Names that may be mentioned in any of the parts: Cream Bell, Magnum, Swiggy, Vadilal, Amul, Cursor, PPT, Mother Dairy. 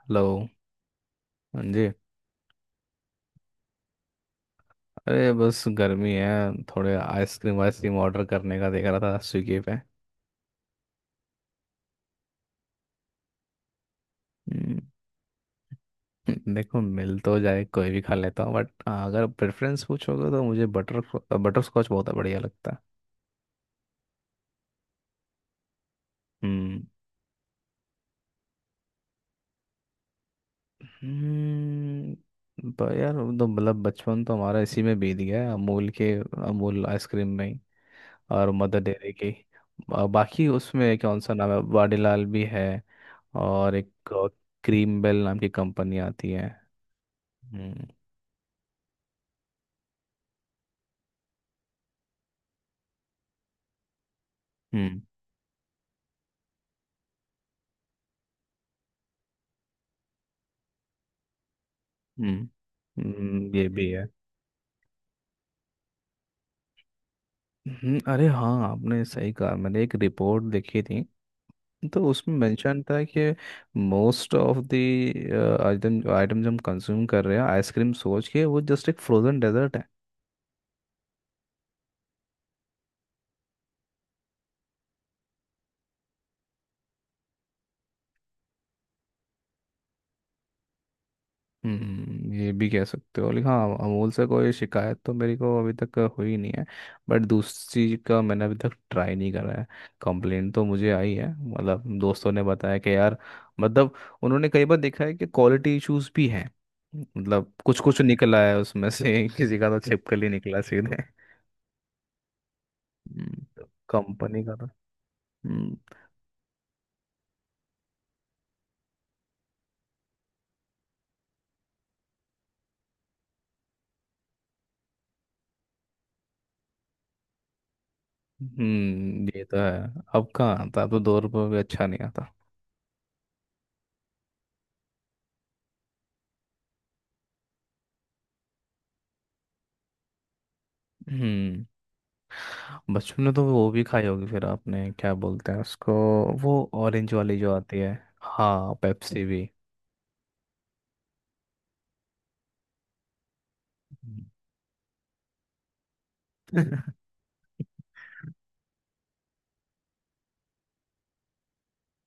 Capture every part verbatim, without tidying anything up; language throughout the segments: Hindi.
हेलो। हाँ जी। अरे, बस गर्मी है। थोड़े आइसक्रीम वाइसक्रीम ऑर्डर करने का देख रहा था स्विगी पे। हम्म। देखो, मिल तो जाए कोई भी खा लेता हूँ, बट हाँ, अगर प्रेफरेंस पूछोगे तो मुझे बटर बटर स्कॉच बहुत बढ़िया लगता है। हम्म। हम्म, पर यार वो तो मतलब बचपन तो हमारा इसी में बीत गया है, अमूल के अमूल आइसक्रीम में ही, और मदर डेयरी की। बा- बाकी उसमें कौन सा नाम है, वाडीलाल भी है। और एक क्रीम बेल नाम की कंपनी आती है। हम्म, हम्म, हम्म। हम्म, ये भी है। हम्म, अरे हाँ, आपने सही कहा। मैंने एक रिपोर्ट देखी थी, तो उसमें मेंशन था कि most of the item item जो हम कंज्यूम कर रहे हैं आइसक्रीम सोच के, वो जस्ट एक फ्रोजन डेजर्ट है। हम्म ये भी कह सकते हो, लेकिन हाँ, अमूल से कोई शिकायत तो मेरे को अभी तक हुई नहीं है। बट दूसरी का मैंने अभी तक ट्राई नहीं करा है। कंप्लेंट तो मुझे आई है, मतलब दोस्तों ने बताया कि यार, मतलब उन्होंने कई बार देखा है कि क्वालिटी इश्यूज भी हैं। मतलब कुछ कुछ निकला है उसमें से। किसी का तो छिपकली निकला सीधे। हम्म, तो कंपनी का तो। हम्म, हम्म। ये तो है। अब कहाँ आता, अब तो दो रुपये भी अच्छा नहीं आता। हम्म बचपन में तो वो भी खाई होगी, फिर आपने क्या बोलते हैं उसको, वो ऑरेंज वाली जो आती है। हाँ, पेप्सी भी। हम्म।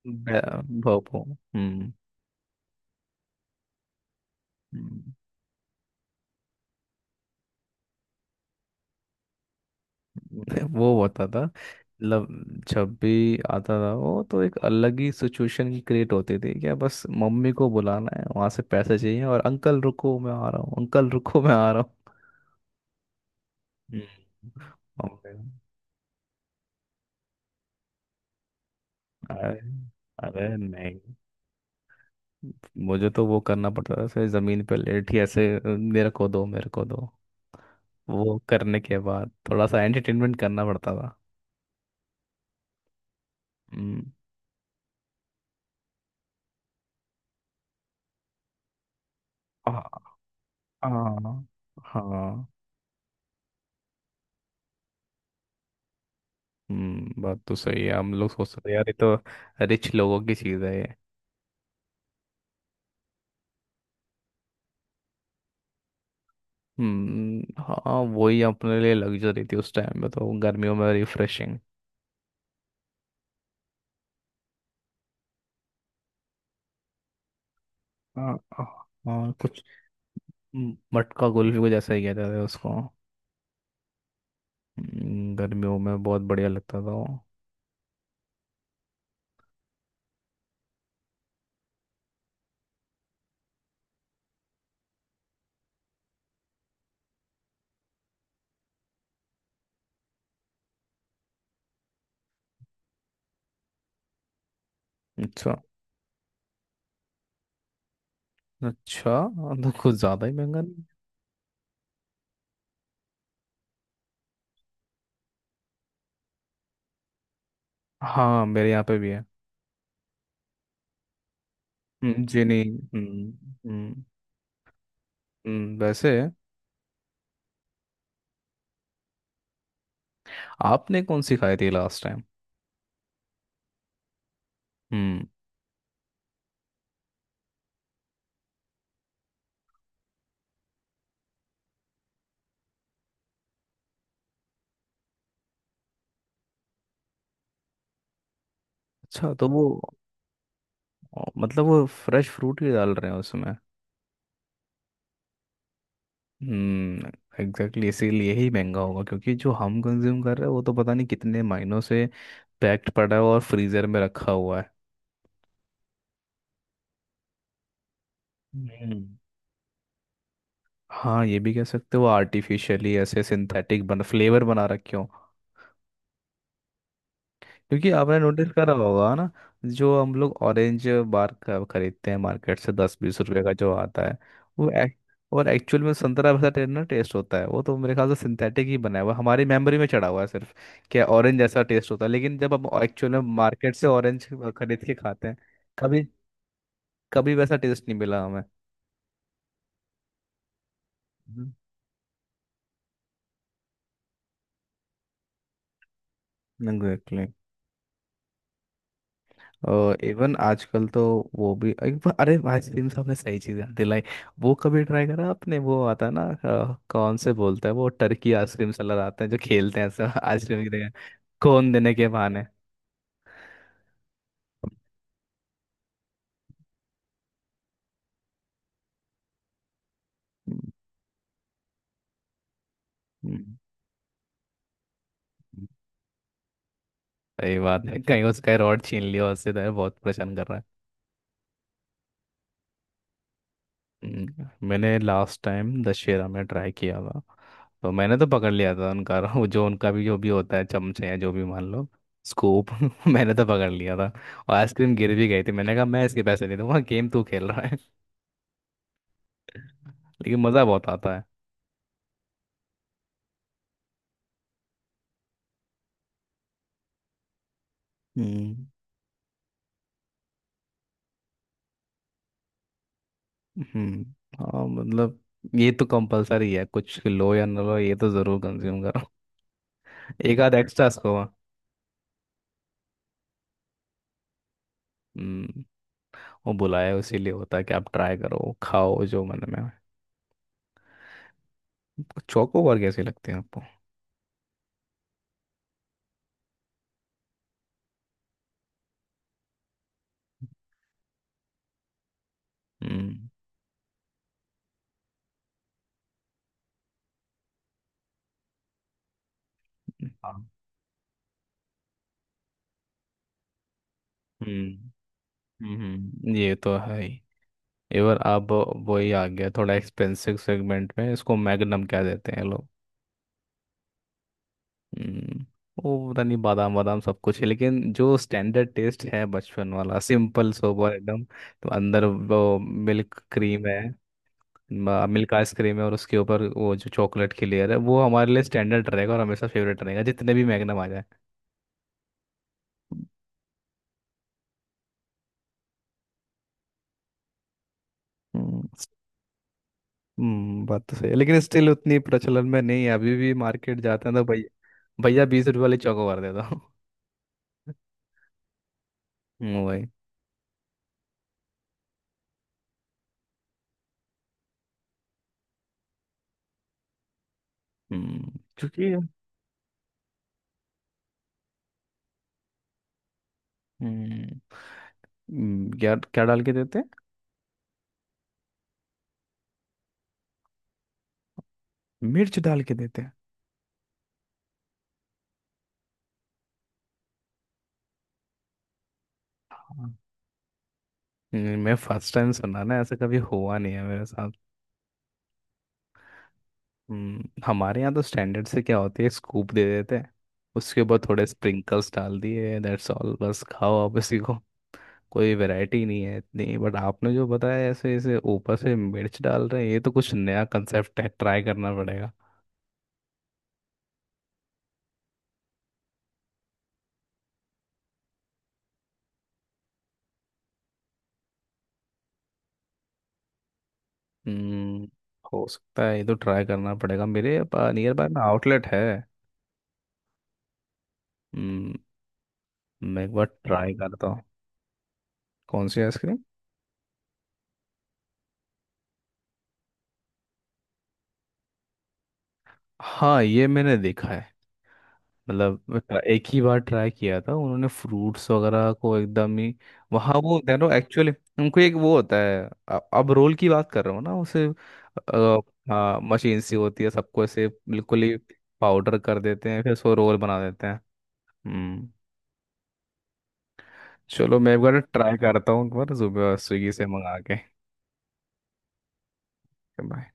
बे- भोपो। हम्म। हम्म। वो होता था, मतलब जब भी आता था वो, तो एक अलग ही सिचुएशन क्रिएट होती थी क्या। बस मम्मी को बुलाना है, वहां से पैसे चाहिए, और अंकल रुको मैं आ रहा हूँ, अंकल रुको मैं आ रहा हूँ। हम्म, मम्मी, अरे अरे नहीं, मुझे तो वो करना पड़ता था, ऐसे जमीन पे लेट ही ऐसे "अ, मेरे को दो, मेरे को दो। वो करने के बाद थोड़ा सा एंटरटेनमेंट करना पड़ता था। हम्म, आ, आ, हाँ। हम्म बात तो सही है, हम लोग सोचते थे यार ये तो रिच लोगों की चीज है ये। हम्म हाँ, वही अपने लिए लग्जरी थी उस टाइम में, तो गर्मियों में रिफ्रेशिंग। हाँ, हाँ, हाँ, कुछ म- मटका कुल्फी कुछ ऐसा ही कहते थे उसको। हम्म, गर्मियों में बहुत बढ़िया लगता था वो। अच्छा। अच्छा, तो कुछ ज्यादा ही महंगा नहीं है। हाँ, मेरे यहाँ पे भी है। हम्म, जी नहीं। हम्म। हम्म। हम्म, वैसे आपने कौन सी खाई थी लास्ट टाइम? हम्म। अच्छा, तो वो। ओ, मतलब वो फ्रेश फ्रूट ही डाल रहे हैं उसमें। हम्म। एग्जैक्टली, इसीलिए ही महंगा होगा, क्योंकि जो हम कंज्यूम कर रहे हैं वो तो पता नहीं कितने महीनों से पैक्ड पड़ा है और फ्रीजर में रखा हुआ है। हम्म हाँ, ये भी कह सकते हो, आर्टिफिशियली ऐसे सिंथेटिक बन फ्लेवर बना रखे हो। क्योंकि आपने नोटिस करा होगा ना, जो हम लोग ऑरेंज बार का खरीदते हैं मार्केट से, दस बीस रुपए का जो आता है, वो एक, और एक्चुअल में संतरा वैसा टे- ना टेस्ट होता है वो, तो मेरे ख्याल से सिंथेटिक ही बना हुआ है। हमारी मेमोरी में चढ़ा हुआ है सिर्फ कि ऑरेंज जैसा टेस्ट होता है, लेकिन जब हम एक्चुअल में मार्केट से ऑरेंज खरीद के खाते हैं, कभी कभी वैसा टेस्ट नहीं मिला हमें। एग्जैक्टली। इवन आजकल तो वो भी एक बार- अरे, आइसक्रीम से आपने सही चीज याद दिलाई। वो कभी ट्राई करा आपने, वो आता है ना अ, कौन से बोलता है वो, टर्की आइसक्रीम सेलर आते हैं जो खेलते हैं ऐसा आइसक्रीम की जगह, कोन देने के बहाने। हम्म, हम्म। सही बात है, कहीं उसका रॉड छीन लिया उससे तो बहुत परेशान कर रहा है। हम्म, मैंने लास्ट टाइम दशहरा में ट्राई किया था, तो मैंने तो पकड़ लिया था उनका। वो जो उनका भी जो भी होता है, चमचे या जो भी मान लो, स्कूप। मैंने तो पकड़ लिया था, और आइसक्रीम गिर भी गई थी। मैंने कहा मैं इसके पैसे नहीं दूंगा, गेम तू खेल रहा है। लेकिन मज़ा बहुत आता है। हम्म, हम्म, हाँ, मतलब ये तो कंपलसरी है, कुछ लो या ना लो ये तो ज़रूर कंज्यूम करो। एक आध एक्स्ट्रा स्कोप। हम्म वो बुलाया इसीलिए होता है कि आप ट्राई करो, खाओ जो मन में आए। चौकोबार कैसी लगती है आपको? हम्म। हाँ। हम्म, हम्म, ये तो है ही। एवर अब वही आ गया थोड़ा एक्सपेंसिव सेगमेंट में, इसको मैग्नम कह देते हैं लोग। हम्म वो पता नहीं, बादाम बादाम सब कुछ है, लेकिन जो स्टैंडर्ड टेस्ट है बचपन वाला सिंपल सोबर एकदम, तो अंदर वो मिल्क क्रीम है, मिल्क आइसक्रीम है, और उसके ऊपर वो जो चॉकलेट की लेयर है, वो हमारे लिए स्टैंडर्ड रहेगा और हमेशा फेवरेट रहेगा जितने भी मैग्नम आ जाए। हम्म, हम्म, बात तो सही है, लेकिन स्टिल उतनी प्रचलन में नहीं है। अभी भी मार्केट जाते हैं तो भैया बीस रुपये वाली चौको मार देता हूँ। हम्म, वही। हम्म, क्योंकि, हम्म, हम्म, क्या क्या डाल के देते हैं? मिर्च डाल के देते हैं? हाँ। हम्म, मैं फर्स्ट टाइम सुना ना, ऐसा कभी हुआ नहीं है मेरे साथ। हम्म, हमारे यहाँ तो स्टैंडर्ड से क्या होती है, स्कूप दे देते हैं, उसके ऊपर थोड़े स्प्रिंकल्स डाल दिए, दैट्स ऑल, बस खाओ आप इसी को। कोई वैरायटी नहीं है इतनी, बट आपने जो बताया ऐसे ऐसे ऊपर से मिर्च डाल रहे हैं, ये तो कुछ नया कंसेप्ट है, ट्राई करना पड़ेगा। हम्म हो सकता है, ये तो ट्राई करना पड़ेगा, मेरे नियर बाय में आउटलेट है। हम्म मैं एक बार ट्राई करता हूँ। कौन सी आइसक्रीम? हाँ, ये मैंने देखा है। मतलब मैं ट्रा- एक ही बार ट्राई किया था, उन्होंने फ्रूट्स वगैरह को एकदम ही, वहाँ वो देखो एक्चुअली, उनको एक वो होता है, अ- अब रोल की बात कर रहा हूँ ना उसे। अ, हाँ मशीन सी होती है, सबको ऐसे बिल्कुल ही पाउडर कर देते हैं, फिर उसको रोल बना देते हैं। हम्म। चलो मैं एक बार ट्राई करता हूँ, एक बार सुबह स्विगी से मंगा के। बाय।